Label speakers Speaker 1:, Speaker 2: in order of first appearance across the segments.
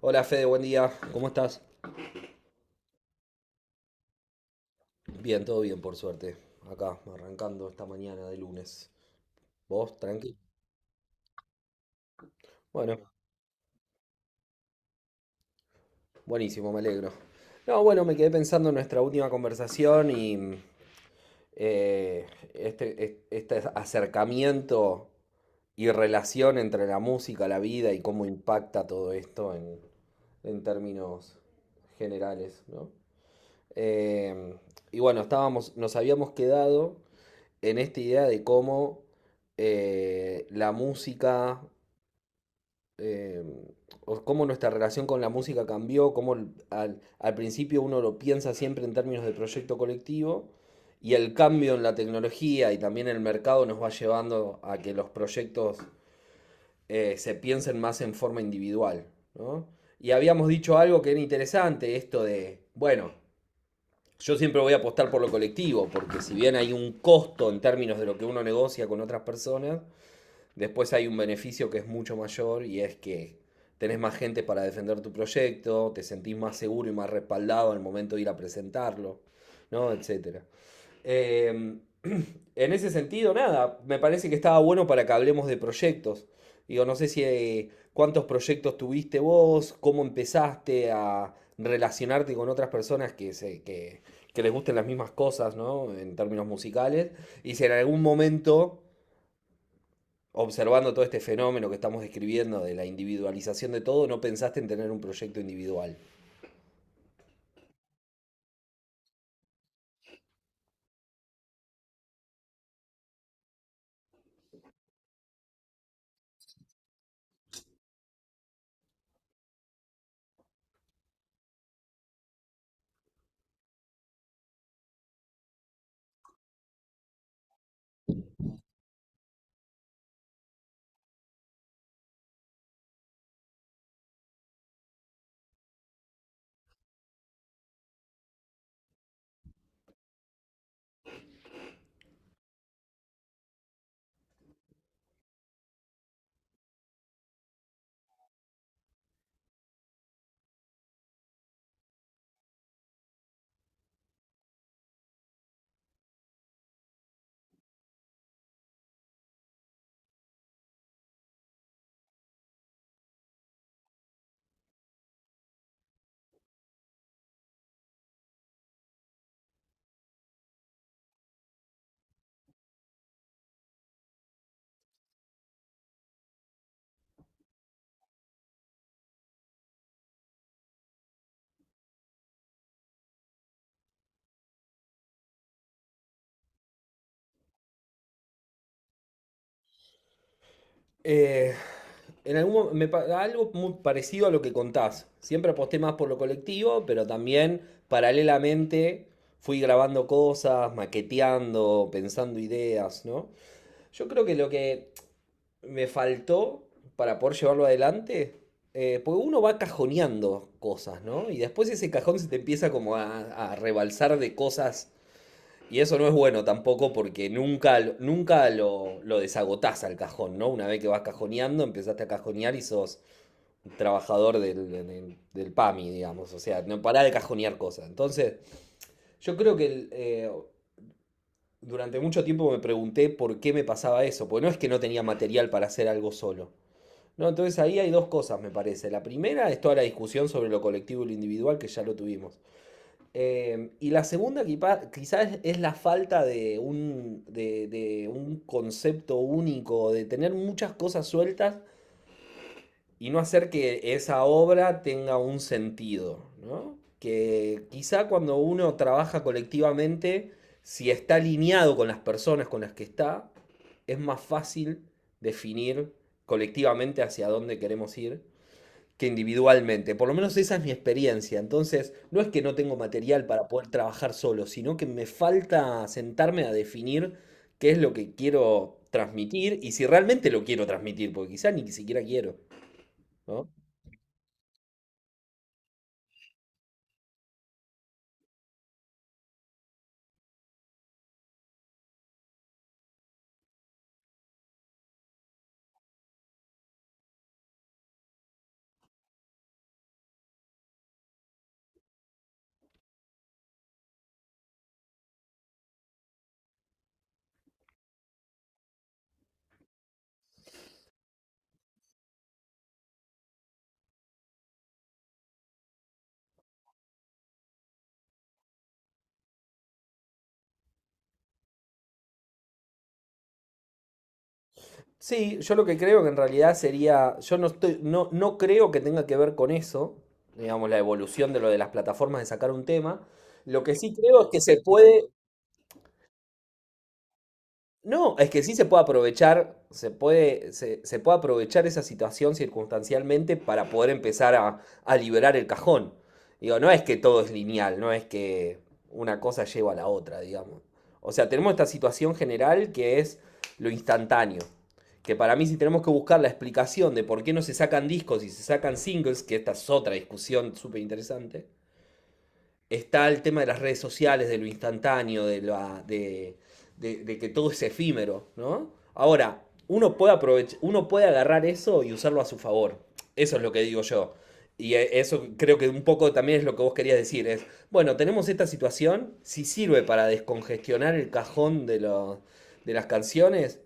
Speaker 1: Hola Fede, buen día. ¿Cómo estás? Bien, todo bien, por suerte. Acá, arrancando esta mañana de lunes. ¿Vos? Tranqui. Bueno, buenísimo, me alegro. No, bueno, me quedé pensando en nuestra última conversación y eh, este acercamiento y relación entre la música, la vida y cómo impacta todo esto en términos generales, ¿no? Em, y bueno, estábamos, nos habíamos quedado en esta idea de cómo la música, eh, o cómo nuestra relación con la música cambió, cómo al, al principio uno lo piensa siempre en términos de proyecto colectivo, y el cambio en la tecnología y también en el mercado nos va llevando a que los proyectos se piensen más en forma individual, ¿no? Y habíamos dicho algo que era interesante, esto de, bueno, yo siempre voy a apostar por lo colectivo, porque si bien hay un costo en términos de lo que uno negocia con otras personas, después hay un beneficio que es mucho mayor y es que tenés más gente para defender tu proyecto, te sentís más seguro y más respaldado al momento de ir a presentarlo, ¿no? Etcétera. Eh, en ese sentido, nada, me parece que estaba bueno para que hablemos de proyectos. Digo, no sé si cuántos proyectos tuviste vos, cómo empezaste a relacionarte con otras personas que les gusten las mismas cosas, ¿no? En términos musicales. Y si en algún momento, observando todo este fenómeno que estamos describiendo de la individualización de todo, no pensaste en tener un proyecto individual. Eh, en algo muy parecido a lo que contás. Siempre aposté más por lo colectivo, pero también paralelamente fui grabando cosas, maqueteando, pensando ideas, ¿no? Yo creo que lo que me faltó para poder llevarlo adelante, porque uno va cajoneando cosas, ¿no? Y después ese cajón se te empieza como a rebalsar de cosas y eso no es bueno tampoco porque nunca, nunca lo, lo desagotás al cajón, ¿no? Una vez que vas cajoneando, empezaste a cajonear y sos trabajador del PAMI, digamos. O sea, no pará de cajonear cosas. Entonces, yo creo que eh, durante mucho tiempo me pregunté por qué me pasaba eso. Porque no es que no tenía material para hacer algo solo. No, entonces ahí hay dos cosas, me parece. La primera es toda la discusión sobre lo colectivo y lo individual que ya lo tuvimos. Y la segunda quizás es la falta de de un concepto único, de tener muchas cosas sueltas y no hacer que esa obra tenga un sentido, ¿no? Que quizá cuando uno trabaja colectivamente, si está alineado con las personas con las que está, es más fácil definir colectivamente hacia dónde queremos ir que individualmente. Por lo menos esa es mi experiencia. Entonces, no es que no tengo material para poder trabajar solo, sino que me falta sentarme a definir qué es lo que quiero transmitir y si realmente lo quiero transmitir, porque quizá ni siquiera quiero, ¿no? Sí, yo lo que creo que en realidad sería, yo no estoy, no, no creo que tenga que ver con eso, digamos, la evolución de lo de las plataformas de sacar un tema. Lo que sí creo es que se puede. No, es que sí se puede aprovechar, se puede aprovechar esa situación circunstancialmente para poder empezar a liberar el cajón. Digo, no es que todo es lineal, no es que una cosa lleva a la otra, digamos. O sea, tenemos esta situación general que es lo instantáneo. Que para mí si tenemos que buscar la explicación de por qué no se sacan discos y se sacan singles, que esta es otra discusión súper interesante, está el tema de las redes sociales, de lo instantáneo, de, la, de que todo es efímero, ¿no? Ahora, uno puede aprovechar, uno puede agarrar eso y usarlo a su favor. Eso es lo que digo yo. Y eso creo que un poco también es lo que vos querías decir. Es, bueno, tenemos esta situación, si sirve para descongestionar el cajón de las canciones,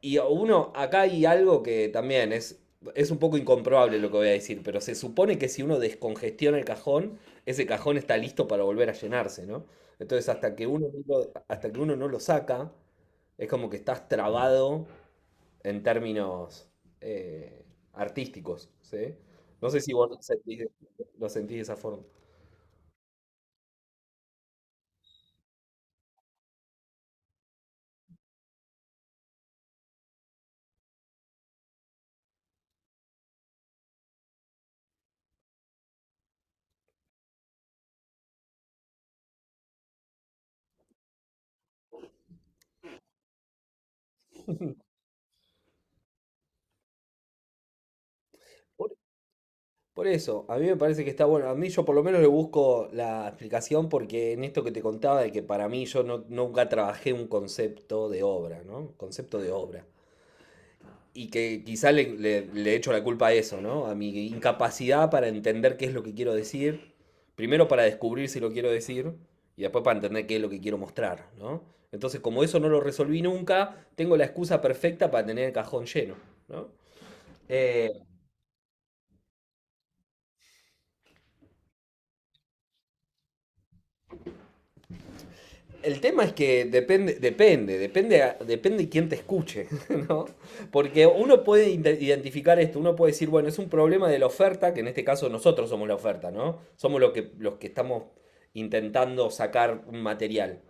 Speaker 1: y uno, acá hay algo que también es un poco incomprobable lo que voy a decir, pero se supone que si uno descongestiona el cajón, ese cajón está listo para volver a llenarse, ¿no? Entonces, hasta que uno no lo saca, es como que estás trabado en términos eh, artísticos, ¿sí? No sé si vos lo sentís de esa forma. Por Por eso, a mí me parece que está bueno. A mí yo por lo menos le busco la explicación porque en esto que te contaba de que para mí yo no- nunca trabajé un concepto de obra, ¿no? Concepto de obra. Y que quizá le echo la culpa a eso, ¿no? A mi incapacidad para entender qué es lo que quiero decir. Primero para descubrir si lo quiero decir y después para entender qué es lo que quiero mostrar, ¿no? Entonces, como eso no lo resolví nunca, tengo la excusa perfecta para tener el cajón lleno, ¿no? Eh, el tema es que depende, depende quién te escuche, ¿no? Porque uno puede identificar esto, uno puede decir, bueno, es un problema de la oferta, que en este caso nosotros somos la oferta, ¿no? Somos los que estamos intentando sacar un material,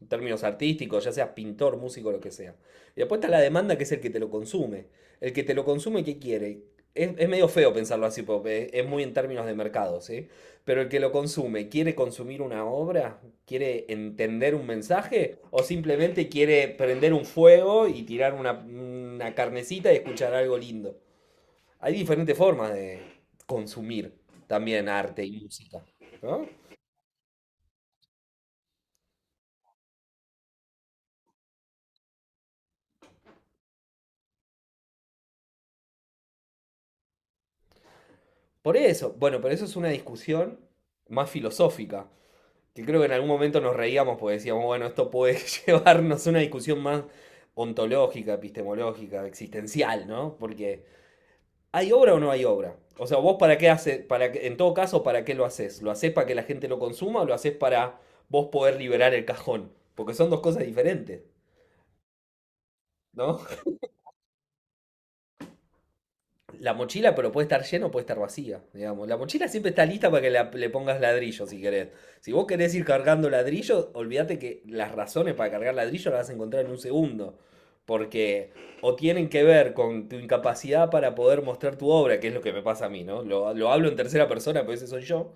Speaker 1: en términos artísticos, ya seas pintor, músico, lo que sea. Y después está la demanda, que es el que te lo consume. El que te lo consume, ¿qué quiere? Es medio feo pensarlo así, porque es muy en términos de mercado, ¿sí? Pero el que lo consume, ¿quiere consumir una obra? ¿Quiere entender un mensaje? ¿O simplemente quiere prender un fuego y tirar una carnecita y escuchar algo lindo? Hay diferentes formas de consumir también arte y música, ¿no? Por eso, bueno, pero eso es una discusión más filosófica, que creo que en algún momento nos reíamos porque decíamos, bueno, esto puede llevarnos a una discusión más ontológica, epistemológica, existencial, ¿no? Porque ¿hay obra o no hay obra? O sea, vos para qué haces, para que, en todo caso, ¿para qué lo haces? ¿Lo haces para que la gente lo consuma o lo haces para vos poder liberar el cajón? Porque son dos cosas diferentes, ¿no? La mochila, pero puede estar llena o puede estar vacía, digamos. La mochila siempre está lista para que le pongas ladrillo, si querés. Si vos querés ir cargando ladrillo, olvídate que las razones para cargar ladrillo las vas a encontrar en un segundo. Porque o tienen que ver con tu incapacidad para poder mostrar tu obra, que es lo que me pasa a mí, ¿no? Lo hablo en tercera persona, pero ese soy yo.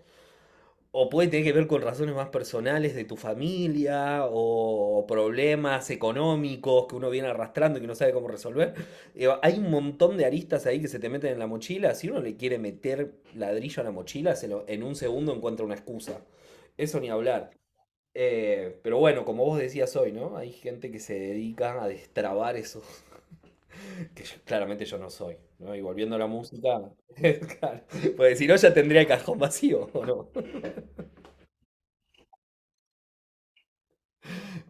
Speaker 1: O puede tener que ver con razones más personales de tu familia o problemas económicos que uno viene arrastrando y que no sabe cómo resolver. Digo, hay un montón de aristas ahí que se te meten en la mochila. Si uno le quiere meter ladrillo a la mochila, en un segundo encuentra una excusa. Eso ni hablar. Pero bueno, como vos decías hoy, ¿no? Hay gente que se dedica a destrabar eso, que claramente yo no soy, ¿no? Y volviendo a la música, claro, pues si no ya tendría el cajón vacío, ¿o no?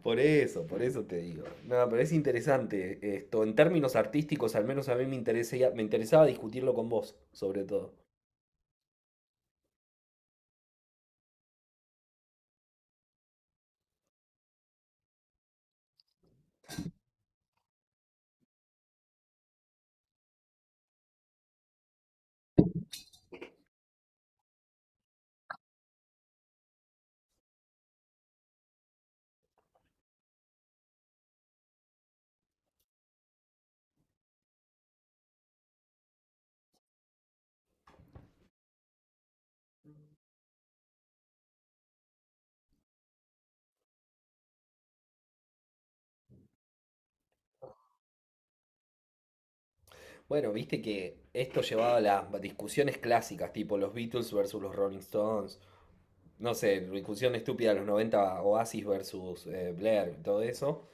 Speaker 1: Por eso te digo. No, pero es interesante esto. En términos artísticos, al menos a mí me interesa, me interesaba discutirlo con vos, sobre todo. Bueno, viste que esto llevaba a las discusiones clásicas, tipo los Beatles versus los Rolling Stones. No sé, discusión estúpida de los 90, Oasis versus Blair, todo eso.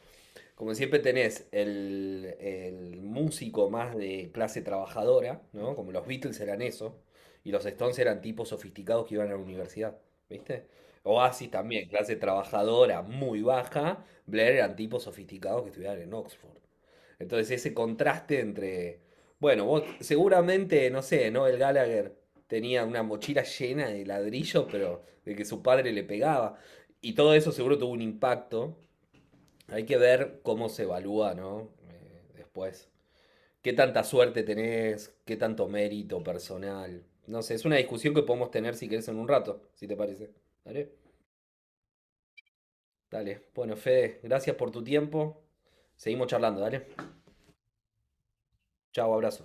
Speaker 1: Como siempre tenés el músico más de clase trabajadora, ¿no? Como los Beatles eran eso, y los Stones eran tipos sofisticados que iban a la universidad, ¿viste? Oasis también, clase trabajadora muy baja, Blair eran tipos sofisticados que estudiaban en Oxford. Entonces ese contraste entre, bueno, vos seguramente, no sé, ¿no? El Gallagher tenía una mochila llena de ladrillos, pero de que su padre le pegaba. Y todo eso seguro tuvo un impacto hay que ver cómo se evalúa, ¿no? Después. ¿Qué tanta suerte tenés? ¿Qué tanto mérito personal? No sé, es una discusión que podemos tener si querés en un rato, si te parece. Dale. Dale. Bueno, Fede, gracias por tu tiempo. Seguimos charlando, dale. Chao, abrazo.